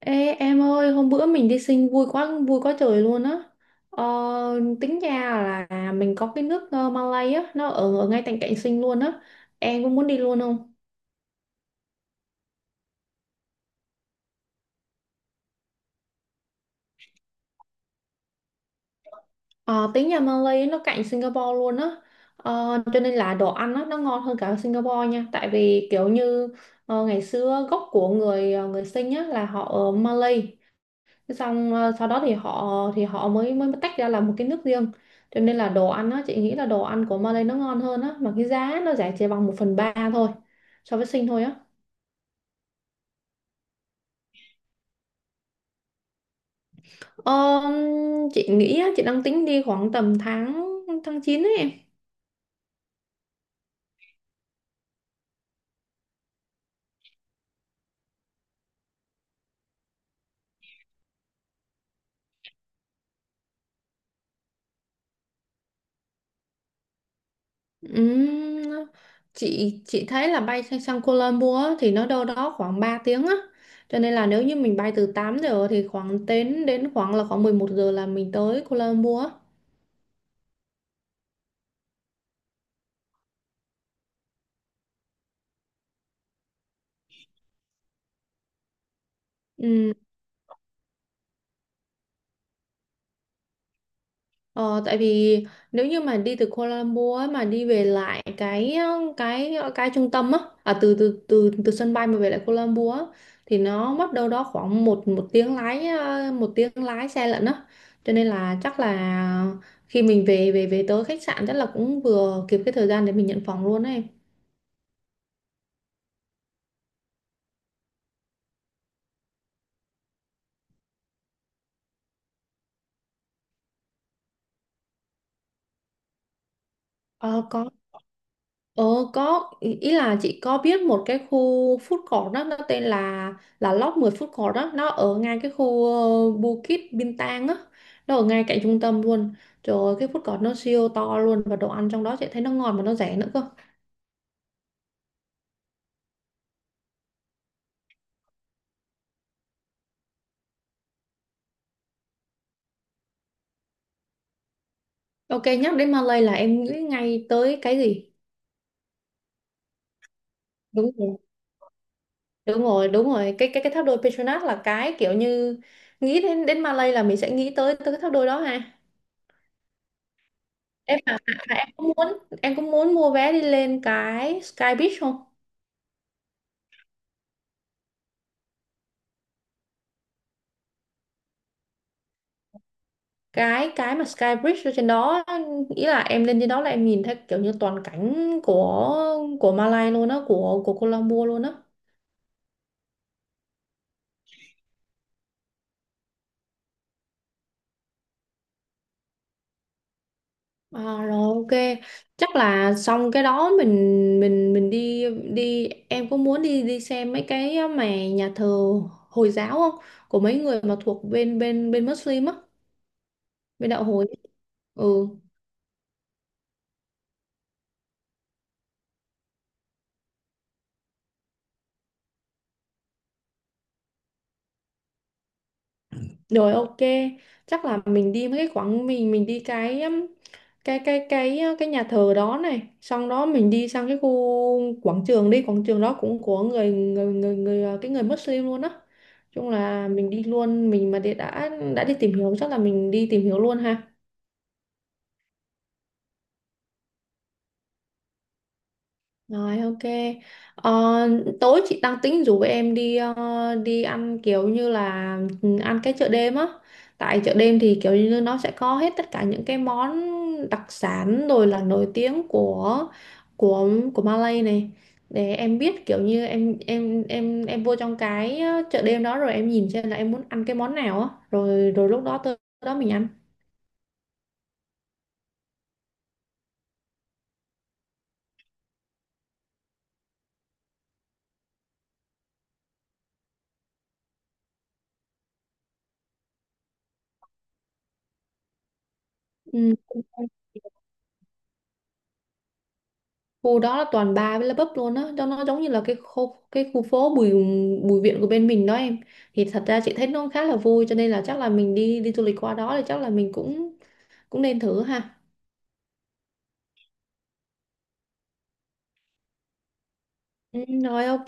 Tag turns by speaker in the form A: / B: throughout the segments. A: Ê em ơi, hôm bữa mình đi sinh vui quá trời luôn á. Ờ, Tính ra là mình có cái nước Malay á, nó ở ngay cạnh cạnh sinh luôn á. Em cũng muốn đi luôn không? Ờ, Tính nhà Malay nó cạnh Singapore luôn á. Cho nên là đồ ăn á, nó ngon hơn cả Singapore nha. Tại vì kiểu như ngày xưa gốc của người người sinh á là họ ở Malay. Thế xong sau đó thì họ mới mới tách ra làm một cái nước riêng, cho nên là đồ ăn á, chị nghĩ là đồ ăn của Malay nó ngon hơn á mà cái giá nó rẻ chỉ bằng một phần ba thôi so với Sinh thôi á. Ờ, chị nghĩ á, chị đang tính đi khoảng tầm tháng tháng chín ấy em. Ừm, chị thấy là bay sang Kuala Lumpur á, thì nó đâu đó khoảng 3 tiếng á, cho nên là nếu như mình bay từ 8 giờ thì khoảng đến đến khoảng là khoảng 11 giờ là mình tới Kuala Lumpur á. Ờ, Tại vì nếu như mà đi từ Kuala Lumpur ấy, mà đi về lại cái trung tâm á, từ từ từ từ sân bay mà về lại Kuala Lumpur á, thì nó mất đâu đó khoảng một một tiếng lái 1 tiếng lái xe lận á, cho nên là chắc là khi mình về về về tới khách sạn chắc là cũng vừa kịp cái thời gian để mình nhận phòng luôn ấy. Ờ, có. Ờ có ý ý là chị có biết một cái khu food court, đó nó tên là Lop 10 food court, đó nó ở ngay cái khu Bukit Bintang á, nó ở ngay cạnh trung tâm luôn. Trời ơi, cái food court nó siêu to luôn và đồ ăn trong đó chị thấy nó ngon mà nó rẻ nữa cơ. Ok, nhắc đến Malay là em nghĩ ngay tới cái gì? Đúng rồi, đúng rồi, đúng rồi. Cái tháp đôi Petronas là cái kiểu như nghĩ đến đến Malay là mình sẽ nghĩ tới tới cái tháp đôi đó ha. Em em cũng muốn mua vé đi lên cái Sky Beach không? Cái mà Sky Bridge ở trên đó, ý là em lên trên đó là em nhìn thấy kiểu như toàn cảnh của Malay luôn á, của Colombo luôn á. Rồi ok, chắc là xong cái đó mình đi đi em có muốn đi đi xem mấy cái mà nhà thờ Hồi giáo không, của mấy người mà thuộc bên bên bên Muslim á, bên đạo hồi. Ừ. Rồi ok, chắc là mình đi mấy cái khoảng mình đi cái cái nhà thờ đó này, xong đó mình đi sang cái khu quảng trường đi, quảng trường đó cũng của người cái người Muslim luôn á. Chung là mình đi luôn, mình mà đi- đã đi tìm hiểu, chắc là mình đi tìm hiểu luôn ha. Rồi ok. Ờ, Tối chị đang tính rủ em đi đi ăn kiểu như là, ăn cái chợ đêm á. Tại chợ đêm thì kiểu như nó sẽ có hết tất cả những cái món đặc sản rồi là nổi tiếng của của Malay này, để em biết kiểu như em vô trong cái chợ đêm đó rồi em nhìn xem là em muốn ăn cái món nào á, rồi rồi lúc đó tới đó mình ăn. Ừ. Ok. Khu đó là toàn bar với là pub luôn á, cho nó giống như là cái khu phố Bùi Bùi Viện của bên mình đó em, thì thật ra chị thấy nó khá là vui, cho nên là chắc là mình đi đi du lịch qua đó thì chắc là mình cũng cũng nên thử ha. Ừ, rồi ok.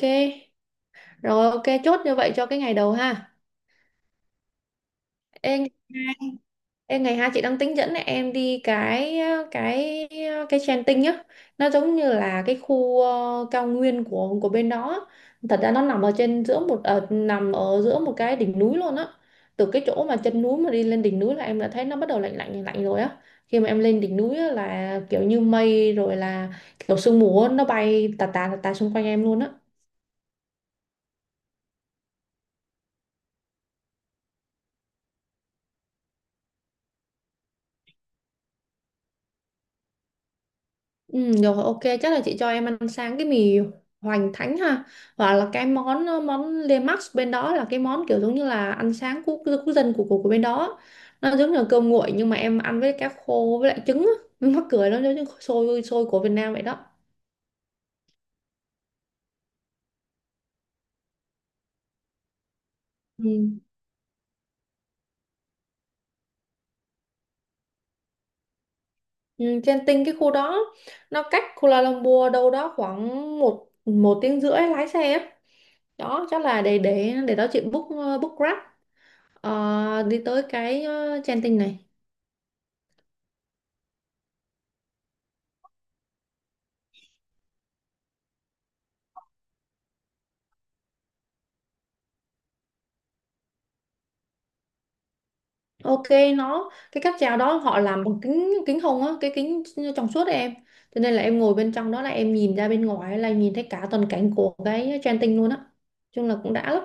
A: Rồi ok, chốt như vậy cho cái ngày đầu ha. Ê, Ê, ngày 2 chị đang tính dẫn em đi cái cái Genting nhá, nó giống như là cái khu cao nguyên của bên đó. Thật ra nó nằm ở trên giữa một nằm ở giữa một cái đỉnh núi luôn á, từ cái chỗ mà chân núi mà đi lên đỉnh núi là em đã thấy nó bắt đầu lạnh lạnh lạnh lạnh rồi á. Khi mà em lên đỉnh núi á, là kiểu như mây rồi là kiểu sương mù á, nó bay tà tà tà tà xung quanh em luôn á. Ừ, được rồi, ok chắc là chị cho em ăn sáng cái mì hoành thánh ha, hoặc là cái món món Le Max bên đó là cái món kiểu giống như là ăn sáng quốc quốc dân của bên đó, nó giống như là cơm nguội nhưng mà em ăn với cá khô với lại trứng á. Nó mắc cười, nó giống như xôi xôi của Việt Nam vậy đó. Ừ. Ừ, trên tinh cái khu đó nó cách Kuala Lumpur đâu đó khoảng một một tiếng rưỡi lái xe á, đó chắc là để đó chị book book Grab. Đi tới cái Genting này. Ok, nó cái cáp treo đó họ làm bằng kính kính hồng á, cái kính trong suốt ấy em, cho nên là em ngồi bên trong đó là em nhìn ra bên ngoài là nhìn thấy cả toàn cảnh của cái Genting tinh luôn á, chung là cũng đã lắm.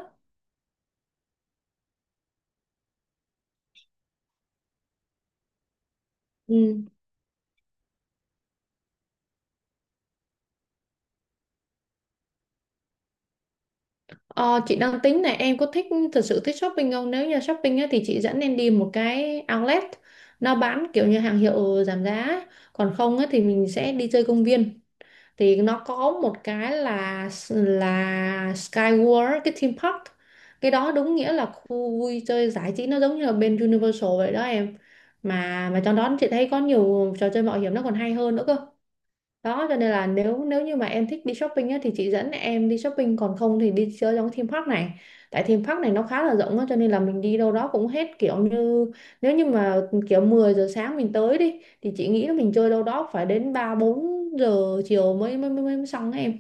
A: Ừ. ờ, chị đang tính này, em có thực sự thích shopping không? Nếu như shopping á, thì chị dẫn em đi một cái outlet, nó bán kiểu như hàng hiệu giảm giá ấy. Còn không á, thì mình sẽ đi chơi công viên, thì nó có một cái là Skyworld cái theme park, cái đó đúng nghĩa là khu vui chơi giải trí, nó giống như là bên Universal vậy đó em, mà trong đó chị thấy có nhiều trò chơi mạo hiểm nó còn hay hơn nữa cơ. Đó cho nên là nếu nếu như mà em thích đi shopping á, thì chị dẫn em đi shopping, còn không thì đi chơi trong cái theme park này. Tại theme park này nó khá là rộng á, cho nên là mình đi đâu đó cũng hết, kiểu như nếu như mà kiểu 10 giờ sáng mình tới đi thì chị nghĩ là mình chơi đâu đó phải đến 3 4 giờ chiều mới xong á em.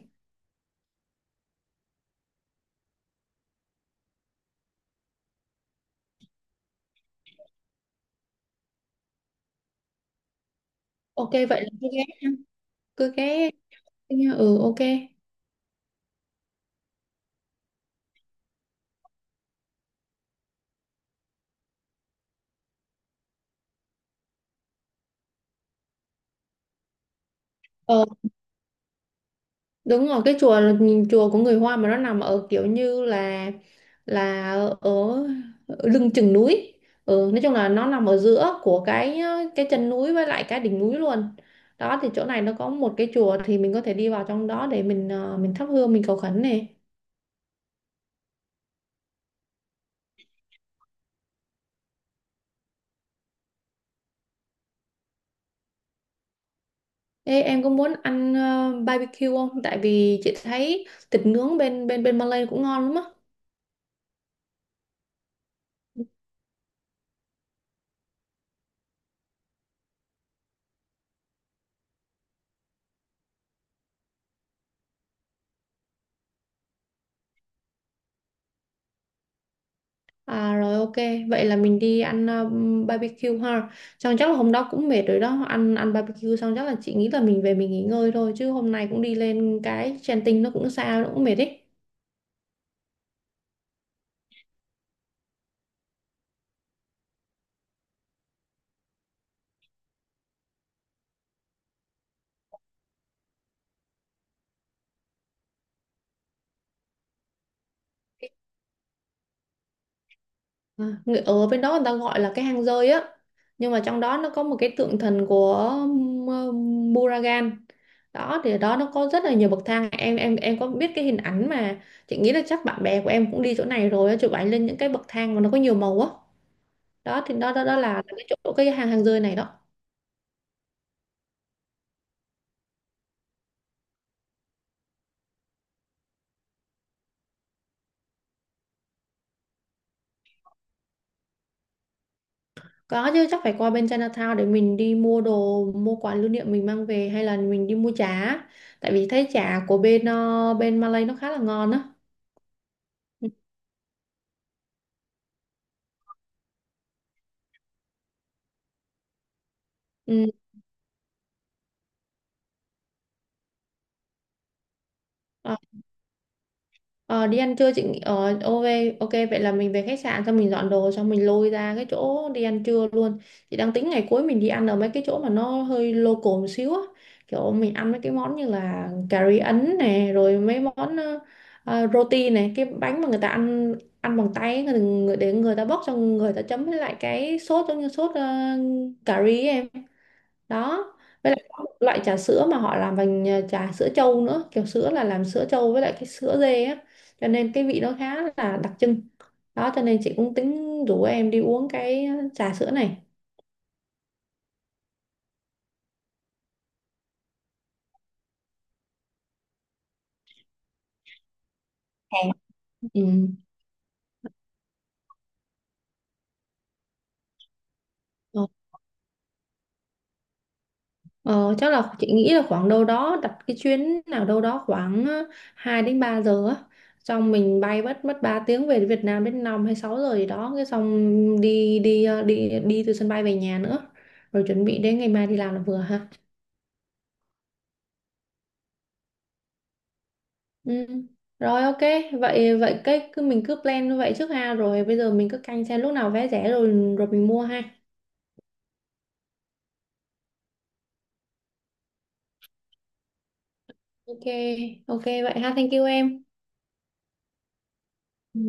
A: Ok, vậy là cứ ghé. Ừ, ok. Ờ, Đúng rồi, cái chùa chùa của người Hoa mà nó nằm ở kiểu như là là ở, ở lưng chừng núi. Ừ, nói chung là nó nằm ở giữa của cái chân núi với lại cái đỉnh núi luôn. Đó thì chỗ này nó có một cái chùa, thì mình có thể đi vào trong đó để mình thắp hương, mình cầu khấn này. Ê, em có muốn ăn barbecue không? Tại vì chị thấy thịt nướng bên bên bên Malay cũng ngon lắm á. Rồi ok, vậy là mình đi ăn barbecue ha. Xong chắc là hôm đó cũng mệt rồi đó, ăn ăn barbecue xong chắc là chị nghĩ là mình về mình nghỉ ngơi thôi, chứ hôm nay cũng đi lên cái Genting nó cũng xa nó cũng mệt ấy. Ở bên đó người ta gọi là cái hang rơi á. Nhưng mà trong đó nó có một cái tượng thần của ờ, Buragan. Đó thì ở đó nó có rất là nhiều bậc thang. Em có biết cái hình ảnh mà chị nghĩ là chắc bạn bè của em cũng đi chỗ này rồi á, chụp ảnh lên những cái bậc thang mà nó có nhiều màu á. Đó thì đó đó, đó là cái chỗ cái hang hang rơi này đó. Có chứ, chắc phải qua bên Chinatown để mình đi mua đồ, mua quà lưu niệm mình mang về, hay là mình đi mua chả. Tại vì thấy chả của bên Malay nó khá là ngon á. Ừ. Ừ. Ờ, Ờ, Đi ăn trưa ok. Ok, vậy là mình về khách sạn xong mình dọn đồ xong mình lôi ra cái chỗ đi ăn trưa luôn. Chị đang tính ngày cuối mình đi ăn ở mấy cái chỗ mà nó hơi local một xíu á, kiểu mình ăn mấy cái món như là cà ri Ấn này rồi mấy món roti này, cái bánh mà người ta ăn ăn bằng tay ấy, người, người để người ta bóc xong người ta chấm với lại cái sốt giống như sốt cà ri ấy em. Đó, với lại có một loại trà sữa mà họ làm bằng trà sữa trâu nữa, kiểu sữa là làm sữa trâu với lại cái sữa dê á, cho nên cái vị nó khá là đặc trưng. Đó cho nên chị cũng tính rủ em đi uống cái trà sữa này. Ừ. ờ, ờ, Chắc là chị nghĩ là khoảng đâu đó đặt cái chuyến nào đâu đó khoảng 2 đến 3 giờ á, xong mình bay mất mất 3 tiếng về Việt Nam đến 5 hay 6 giờ gì đó cái xong đi đi ờ, đi đi từ sân bay về nhà nữa, rồi chuẩn bị đến ngày mai đi làm là vừa ha. Ừ. Rồi ok, vậy vậy cái cứ mình cứ plan như vậy trước ha, rồi bây giờ mình cứ canh xem lúc nào vé rẻ rồi rồi mình mua ha. Ok, ok vậy ha, thank you em. Ừ.